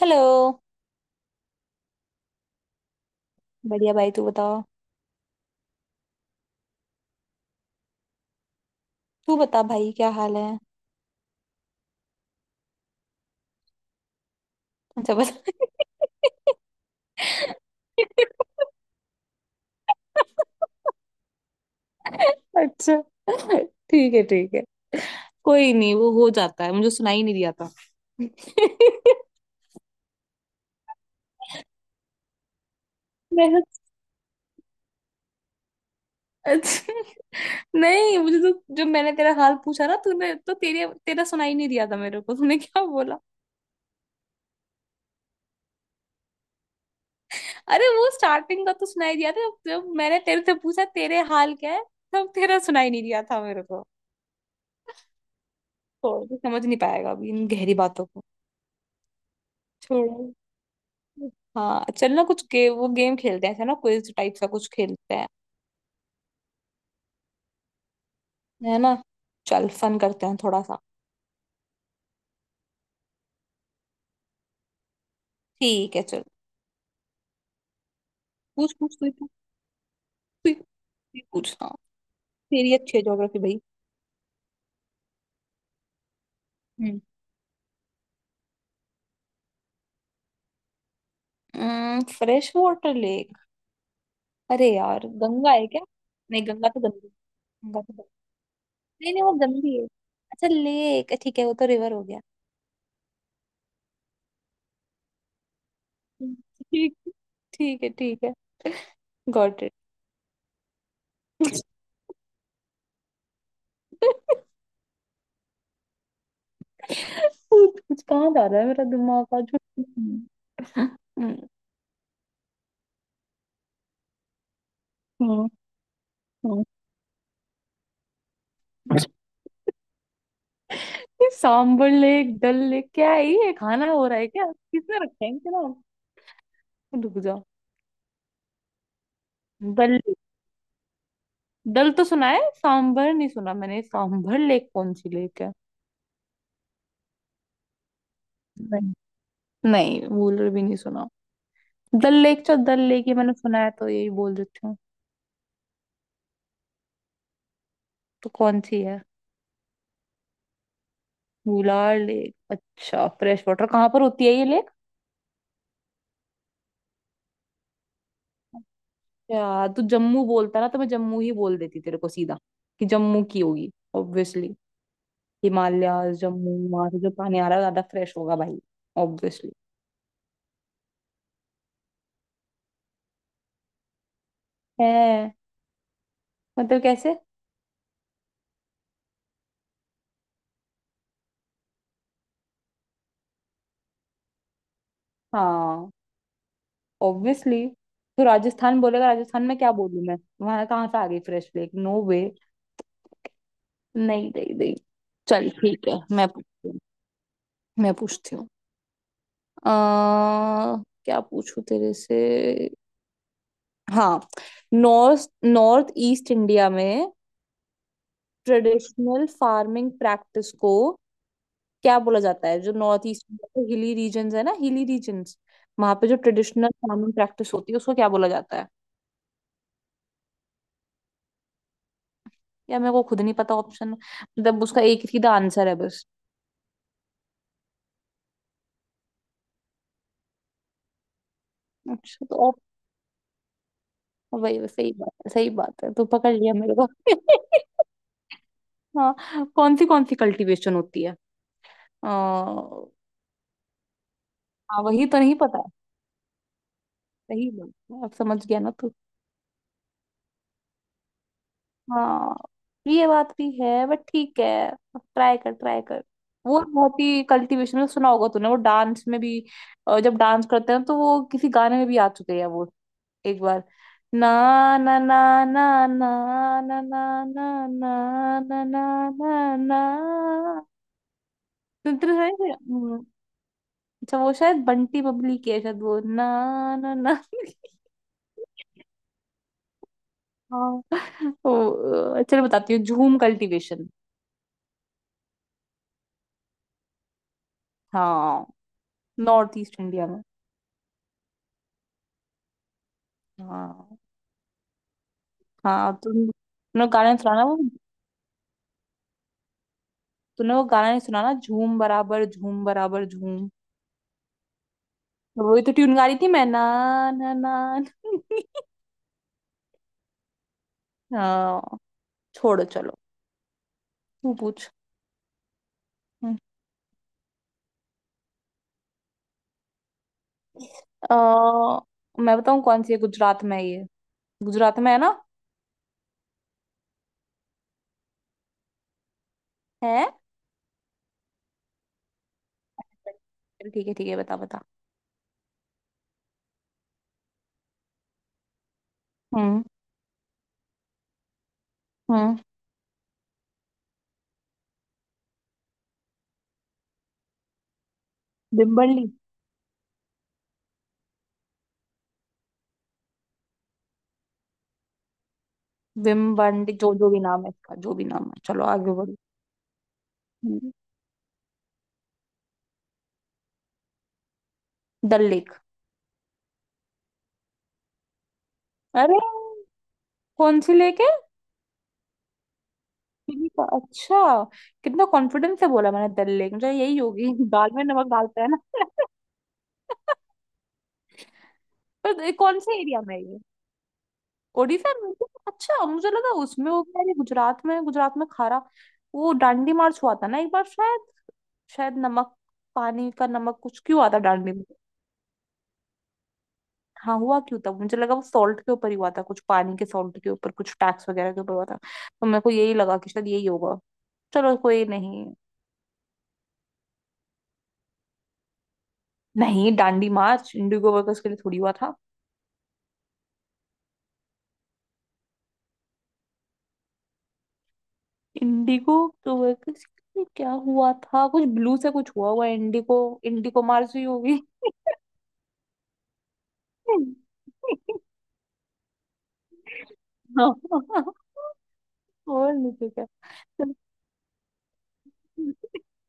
Hello. बढ़िया भाई, तू बताओ। तू बता भाई, क्या हाल है। अच्छा बता। अच्छा, ठीक है ठीक है। कोई नहीं, वो हो जाता है, मुझे सुनाई नहीं दिया था। मैं, अच्छा, नहीं मुझे तो जब मैंने तेरा हाल पूछा ना, तूने तो तेरे तेरा सुनाई नहीं दिया था मेरे को, तूने क्या बोला। अरे वो स्टार्टिंग का तो सुनाई दिया था, जब जब मैंने तेरे से पूछा तेरे हाल क्या है, तब तेरा सुनाई नहीं दिया था मेरे। छोड़, समझ नहीं पाएगा अभी इन गहरी बातों को। छोड़ो। हाँ चल ना, कुछ वो गेम खेलते हैं, ऐसा ना क्विज टाइप सा कुछ खेलते हैं, है ना। चल फन करते हैं थोड़ा सा। ठीक है चल। पूछ पूछ, तू ही पूछ। तू ही पूछ, हाँ। तेरी अच्छी है ज्योग्राफी भाई। हम्म, फ्रेश वाटर लेक। अरे यार, गंगा है क्या। नहीं गंगा तो गंदी। गंगा तो गंदी। नहीं नहीं, वो गंदी है। अच्छा लेक, ठीक है, वो तो रिवर हो गया। हम्म, ठीक, ठीक है ठीक है। Got it. कुछ कुछ कहाँ जा रहा है मेरा दिमाग आज। हम्म, हम्म, हम्म। ये सांबर लेक, डल लेक क्या है, ये खाना हो रहा है क्या, किसने रखा है इनके नाम। रुक जा। डल लेक। डल तो सुना है, सांबर नहीं सुना मैंने। सांबर लेक कौन सी लेक है। नहीं। नहीं, वूलर भी नहीं सुना। डल लेक, चल डल लेक, ये मैंने सुना है तो यही बोल देती हूँ। तो कौन सी है। वुलार लेक, अच्छा। फ्रेश वाटर कहाँ पर होती है ये लेक। यार तू जम्मू बोलता ना तो मैं जम्मू ही बोल देती तेरे को सीधा कि जम्मू की होगी। ऑब्वियसली। हिमालय जम्मू, वहां से जो पानी आ रहा है ज्यादा फ्रेश होगा भाई। ऑब्वियसली। है। मतलब कैसे। हाँ, ऑब्वियसली। तो राजस्थान बोलेगा, राजस्थान में क्या बोलूं मैं। वहां कहाँ से आ गई फ्रेश लेक, नो वे। नहीं नहीं नहीं। चल ठीक है, मैं पूछती हूँ। मैं पूछती हूँ। क्या पूछूं तेरे से। हाँ। नॉर्थ नॉर्थ ईस्ट इंडिया में ट्रेडिशनल फार्मिंग प्रैक्टिस को क्या बोला जाता है। जो नॉर्थ ईस्ट में हिली रीजन है ना, हिली रीजन, वहां पे जो ट्रेडिशनल फार्मिंग प्रैक्टिस होती है उसको क्या बोला जाता है। या मेरे को खुद नहीं पता ऑप्शन, मतलब उसका एक ही सीधा आंसर है बस। अच्छा तो op- वही वही- सही बात है, सही बात है, तो पकड़ लिया मेरे को। हाँ, कौन सी कल्टीवेशन होती है। हाँ। वही तो नहीं पता। सही बात है, अब समझ गया ना तू। हाँ, ये बात भी है, बट ठीक है, ट्राई कर ट्राई कर। वो बहुत ही कल्टीवेशन में सुना होगा तूने, वो डांस में भी। जब डांस करते हैं तो वो किसी गाने में भी आ चुके हैं वो, एक बार। ना ना ना ना ना ना ना ना ना ना ना ना ना। सुनते हैं ये? अच्छा वो शायद बंटी बबली की है शायद, वो ना ना ना। हाँ। चलो बताती हूँ, झूम कल्टीवेशन। हाँ, नॉर्थ ईस्ट इंडिया में। हाँ। हाँ, तुमने वो गाना नहीं सुना ना वो। तूने वो गाना नहीं सुना ना, झूम बराबर झूम, बराबर झूम। तो वही तो ट्यून गा रही थी मैं ना ना ना ना। हाँ, छोड़ो चलो। तू पूछ। हम्म। मैं बताऊँ, कौन सी है गुजरात में है ये, गुजरात में है ना। है। चल ठीक है ठीक है, बता बता। हम्म। हम्म। विम्बली। विम्बंडी, जो जो भी नाम है इसका, जो भी नाम है, चलो आगे बढ़ो। हम्म। डल लेक। अरे, कौन सी लेक है। चिली का, अच्छा। कितना कॉन्फिडेंस से बोला मैंने, दल लेक मुझे यही होगी, दाल में नमक डालते हैं ना। पर ये कौन से एरिया में है ये। ओडिशा में तो, अच्छा, मुझे लगा उसमें हो गया ये गुजरात में, गुजरात में खारा। वो डांडी मार्च हुआ था ना एक बार शायद, शायद नमक, पानी का नमक कुछ, क्यों आता डांडी में। हाँ हुआ क्यों था, मुझे लगा वो सॉल्ट के ऊपर ही हुआ था कुछ, पानी के सॉल्ट के ऊपर कुछ टैक्स वगैरह के ऊपर हुआ था, तो मेरे को यही लगा कि शायद यही होगा, चलो कोई नहीं। नहीं डांडी मार्च इंडिगो वर्कर्स के लिए थोड़ी हुआ। इंडिगो। तो वो किस- क्या हुआ था, कुछ ब्लू से कुछ हुआ, हुआ इंडिगो, इंडिगो मार्स ही होगी। और, नहीं तो क्या।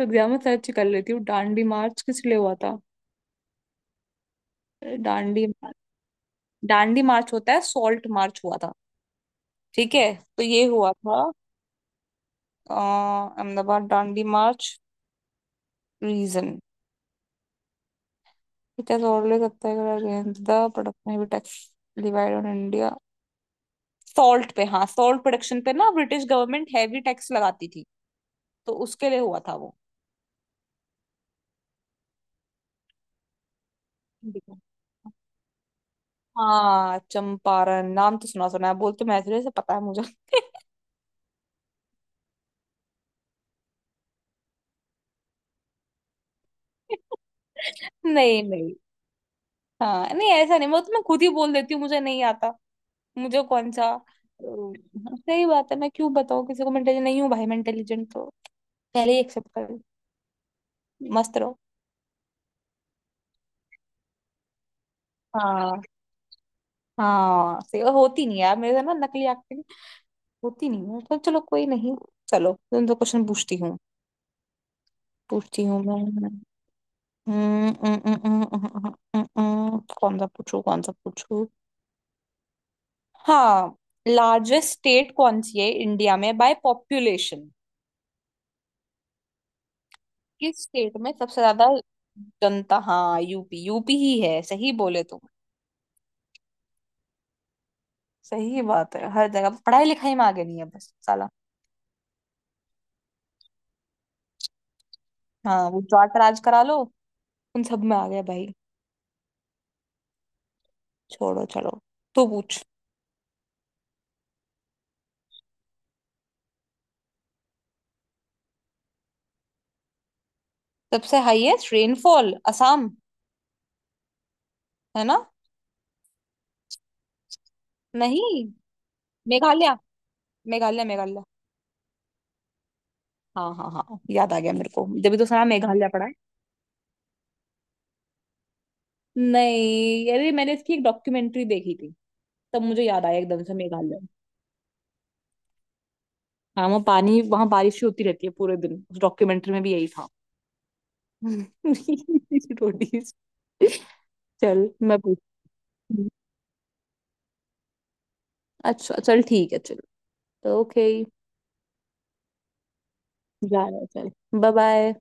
एग्जाम में सर्च कर लेती हूँ डांडी मार्च किस लिए हुआ था। डांडी, डांडी मार्च होता है सॉल्ट मार्च हुआ था। ठीक है। तो ये हुआ था, Ahmedabad Dandi march region. It has always attacked against the production of tax levied on India. Salt पे, हाँ सॉल्ट प्रोडक्शन पे ना, ब्रिटिश गवर्नमेंट हैवी टैक्स लगाती थी, तो उसके लिए हुआ था वो। देखो, हाँ चंपारण नाम तो सुना सुना है, बोल तो मैं से पता है मुझे। नहीं नहीं। हाँ नहीं ऐसा नहीं, मैं तो मैं खुद ही बोल देती हूँ मुझे नहीं आता। मुझे कौन सा सही बात है। मैं क्यों बताऊँ किसी को, मैं इंटेलिजेंट नहीं हूँ भाई, मैं इंटेलिजेंट तो पहले ही एक्सेप्ट कर लो। मस्त रहो। हाँ, हाँ सही, होती नहीं यार मेरे से ना नकली, होती नहीं हूँ, तो चलो कोई नहीं। चलो, तुम तो क्वेश्चन पूछती हूँ। पूछती हूँ मैं। हम्म, हम्म, हम्म, हम्म, हम्म, हम्म, हम्म, हम्म, कौन सा पूछू, कौन सा पूछू। हाँ, लार्जेस्ट स्टेट कौन सी है इंडिया में बाय पॉपुलेशन, किस स्टेट में सबसे ज्यादा जनता। हाँ यूपी, यूपी ही है, सही बोले तुम। सही बात है, हर जगह पढ़ाई लिखाई में आगे नहीं है बस साला। हाँ वो जाट राज करा लो, उन सब में आ गया भाई। छोड़ो चलो। तू पूछ। सबसे हाईएस्ट रेनफॉल असम, है ना। नहीं, मेघालय, मेघालय मेघालय। हाँ हाँ हाँ याद आ गया मेरे को, जब भी तो सारा मेघालय पड़ा है। नहीं, अरे मैंने इसकी एक डॉक्यूमेंट्री देखी थी, तब मुझे याद आया एकदम से, मेघालय। हाँ वहाँ पानी, वहाँ बारिश ही होती रहती है पूरे दिन, उस डॉक्यूमेंट्री में भी यही था। रोटीज। चल मैं पूछती हूँ। अच्छा चल, ठीक है चल। ओके। जा रहा है, चल। Bye bye.